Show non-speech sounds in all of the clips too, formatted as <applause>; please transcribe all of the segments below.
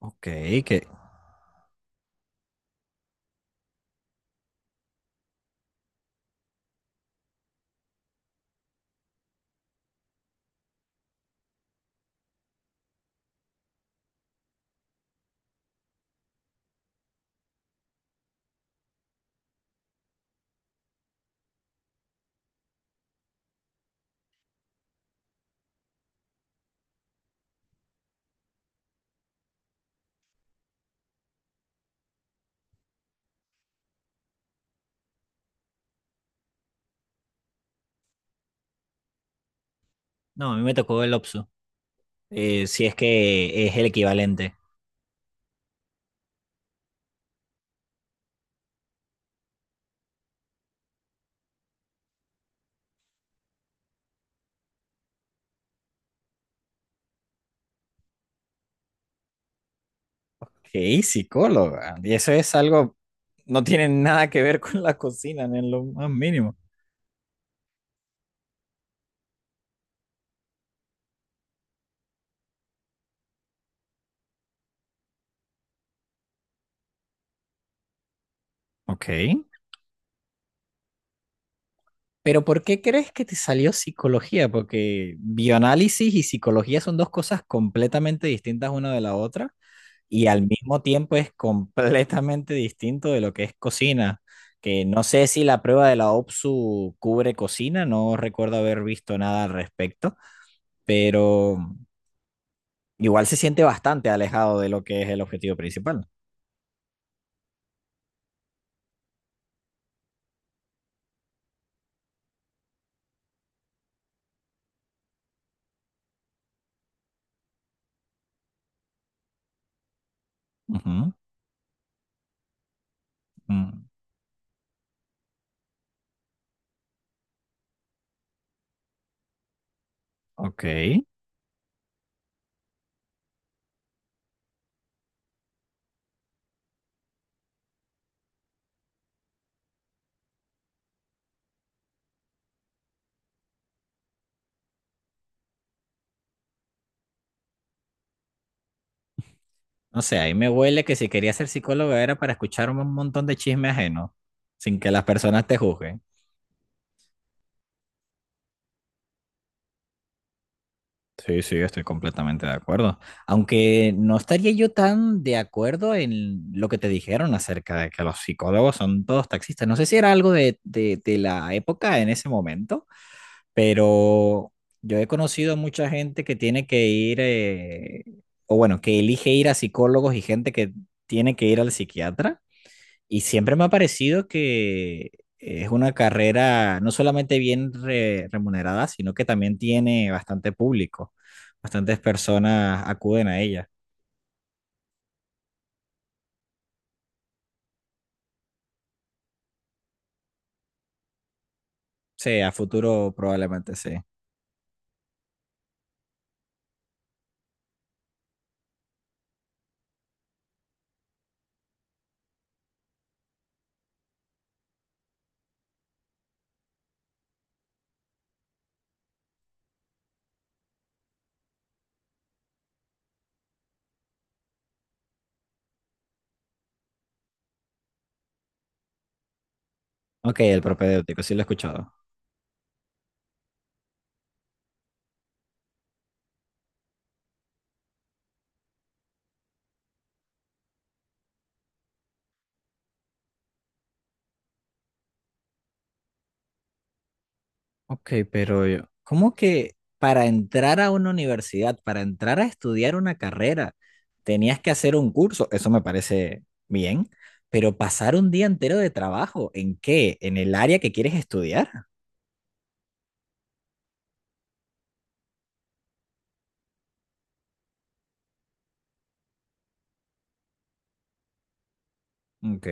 Ok, que... No, a mí me tocó el OPSU, si es que es el equivalente. Ok, psicóloga. Y eso es algo, no tiene nada que ver con la cocina, ni en lo más mínimo. Ok. Pero ¿por qué crees que te salió psicología? Porque bioanálisis y psicología son dos cosas completamente distintas una de la otra y al mismo tiempo es completamente distinto de lo que es cocina. Que no sé si la prueba de la OPSU cubre cocina, no recuerdo haber visto nada al respecto, pero igual se siente bastante alejado de lo que es el objetivo principal. Ujú. Mm. Ok. No sé, ahí me huele que si quería ser psicólogo era para escuchar un montón de chisme ajeno, sin que las personas te juzguen. Sí, sí, estoy completamente de acuerdo. Aunque no estaría yo tan de acuerdo en lo que te dijeron acerca de que los psicólogos son todos taxistas. No sé si era algo de, de la época en ese momento, pero yo he conocido mucha gente que tiene que ir, o bueno, que elige ir a psicólogos y gente que tiene que ir al psiquiatra. Y siempre me ha parecido que es una carrera no solamente bien remunerada, sino que también tiene bastante público. Bastantes personas acuden a ella. Sí, a futuro probablemente sí. Ok, el propedéutico, sí lo he escuchado. Ok, pero ¿cómo que para entrar a una universidad, para entrar a estudiar una carrera, tenías que hacer un curso? Eso me parece bien, pero pasar un día entero de trabajo, ¿en qué? ¿En el área que quieres estudiar? Ok.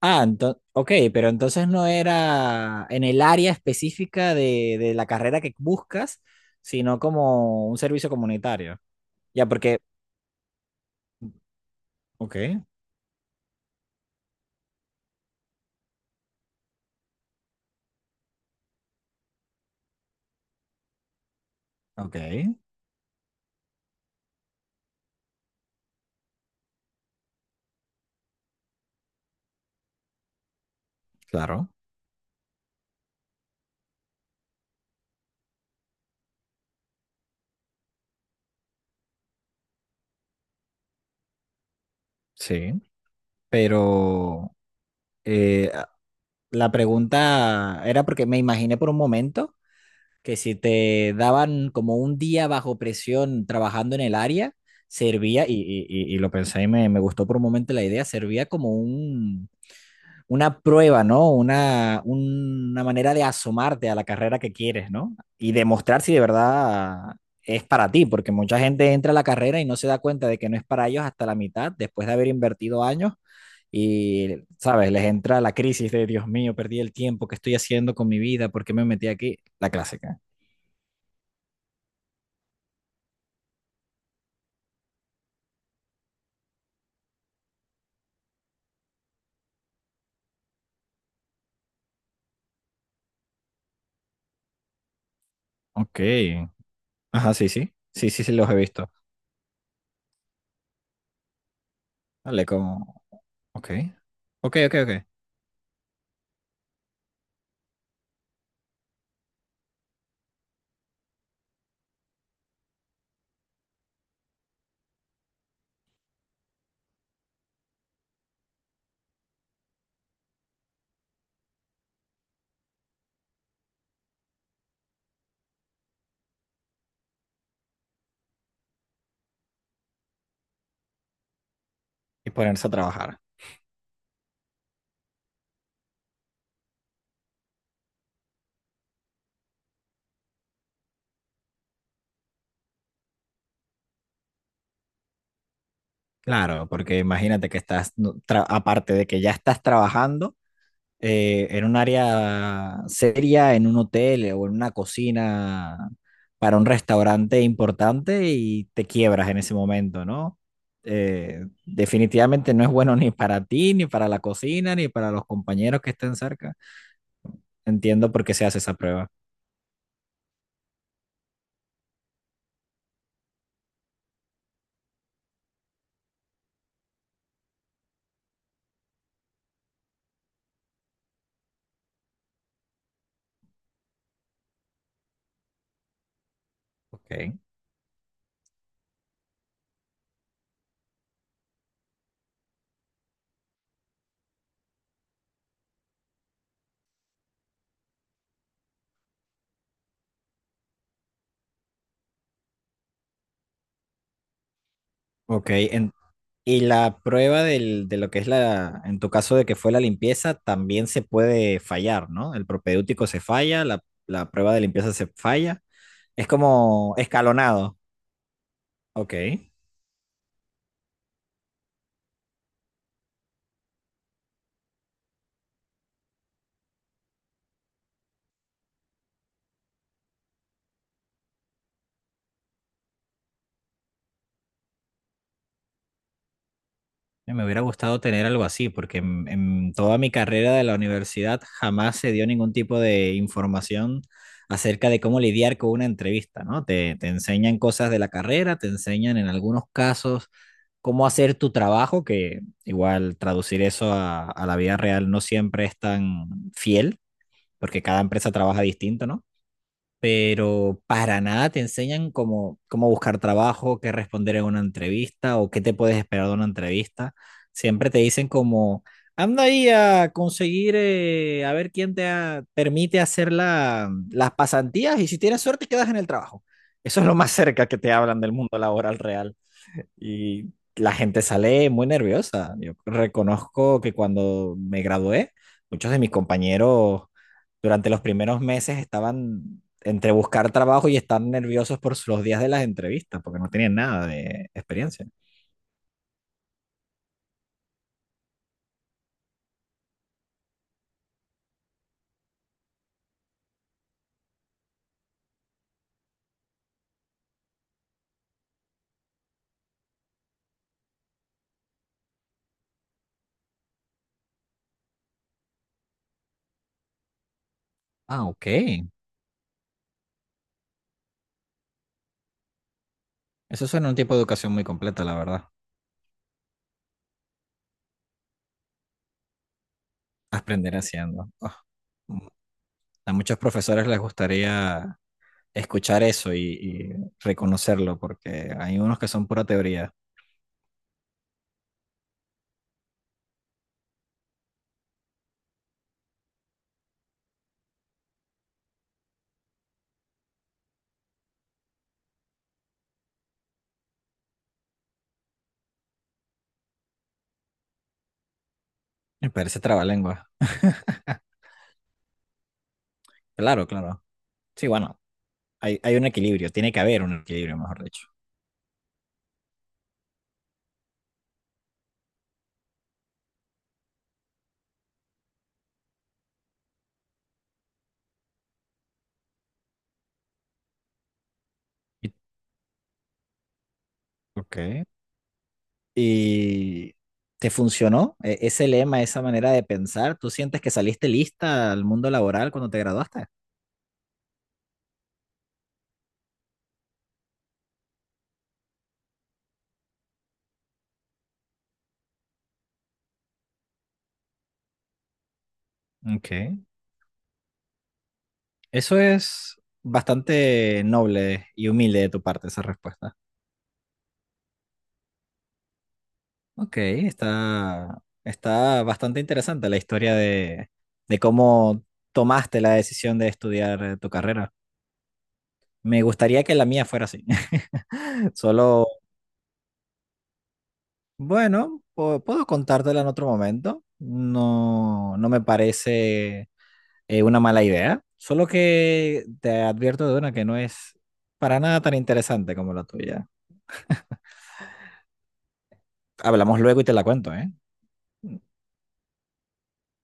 Ah, entonces, ok, pero entonces no era en el área específica de la carrera que buscas, sino como un servicio comunitario. Ya, porque, ok, ok, claro, sí, pero... eh, la pregunta era porque me imaginé por un momento que si te daban como un día bajo presión trabajando en el área, servía, y lo pensé y me gustó por un momento la idea, servía como un, una prueba, ¿no? Una manera de asomarte a la carrera que quieres, ¿no? Y demostrar si de verdad es para ti, porque mucha gente entra a la carrera y no se da cuenta de que no es para ellos hasta la mitad, después de haber invertido años y, ¿sabes? Les entra la crisis de, Dios mío, perdí el tiempo, ¿qué estoy haciendo con mi vida? ¿Por qué me metí aquí? La clásica. Ok. Ajá, sí, sí. Sí, sí, sí, los he visto. Vale, como, ok. Ok, ok, ok. Y ponerse a trabajar. Claro, porque imagínate que estás, no, aparte de que ya estás trabajando en un área seria, en un hotel o en una cocina para un restaurante importante y te quiebras en ese momento, ¿no? Definitivamente no es bueno <laughs> ni para ti, ni para la cocina, ni para los compañeros que estén cerca. Entiendo por qué se hace esa prueba. Ok. Ok. Y la prueba de lo que es la, en tu caso de que fue la limpieza, también se puede fallar, ¿no? El propedéutico se falla, la prueba de limpieza se falla. Es como escalonado. Ok. Me hubiera gustado tener algo así, porque en toda mi carrera de la universidad jamás se dio ningún tipo de información acerca de cómo lidiar con una entrevista, ¿no? Te enseñan cosas de la carrera, te enseñan en algunos casos cómo hacer tu trabajo, que igual traducir eso a la vida real no siempre es tan fiel, porque cada empresa trabaja distinto, ¿no? Pero para nada te enseñan cómo, cómo buscar trabajo, qué responder en una entrevista o qué te puedes esperar de una entrevista. Siempre te dicen como, anda ahí a conseguir, a ver quién permite hacer las pasantías y si tienes suerte quedas en el trabajo. Eso es lo más cerca que te hablan del mundo laboral real. Y la gente sale muy nerviosa. Yo reconozco que cuando me gradué, muchos de mis compañeros durante los primeros meses estaban entre buscar trabajo y estar nerviosos por los días de las entrevistas, porque no tenían nada de experiencia. Ah, ok. Eso suena a un tipo de educación muy completa, la verdad. Aprender haciendo. Ah, mm. A muchos profesores les gustaría escuchar eso y reconocerlo, porque hay unos que son pura teoría. Me parece trabalengua. Claro, claro. Sí, bueno, hay un equilibrio, tiene que haber un equilibrio, mejor dicho. Y- Ok. ¿Y te funcionó ese lema, esa manera de pensar? ¿Tú sientes que saliste lista al mundo laboral cuando te graduaste? Ok. Eso es. Bastante noble y humilde de tu parte esa respuesta. Ok, está, está bastante interesante la historia de cómo tomaste la decisión de estudiar tu carrera. Me gustaría que la mía fuera así. <laughs> Solo bueno, puedo contártela en otro momento. No, no me parece una mala idea. Solo que te advierto de una que no es para nada tan interesante como la tuya. Hablamos luego y te la cuento, ¿eh?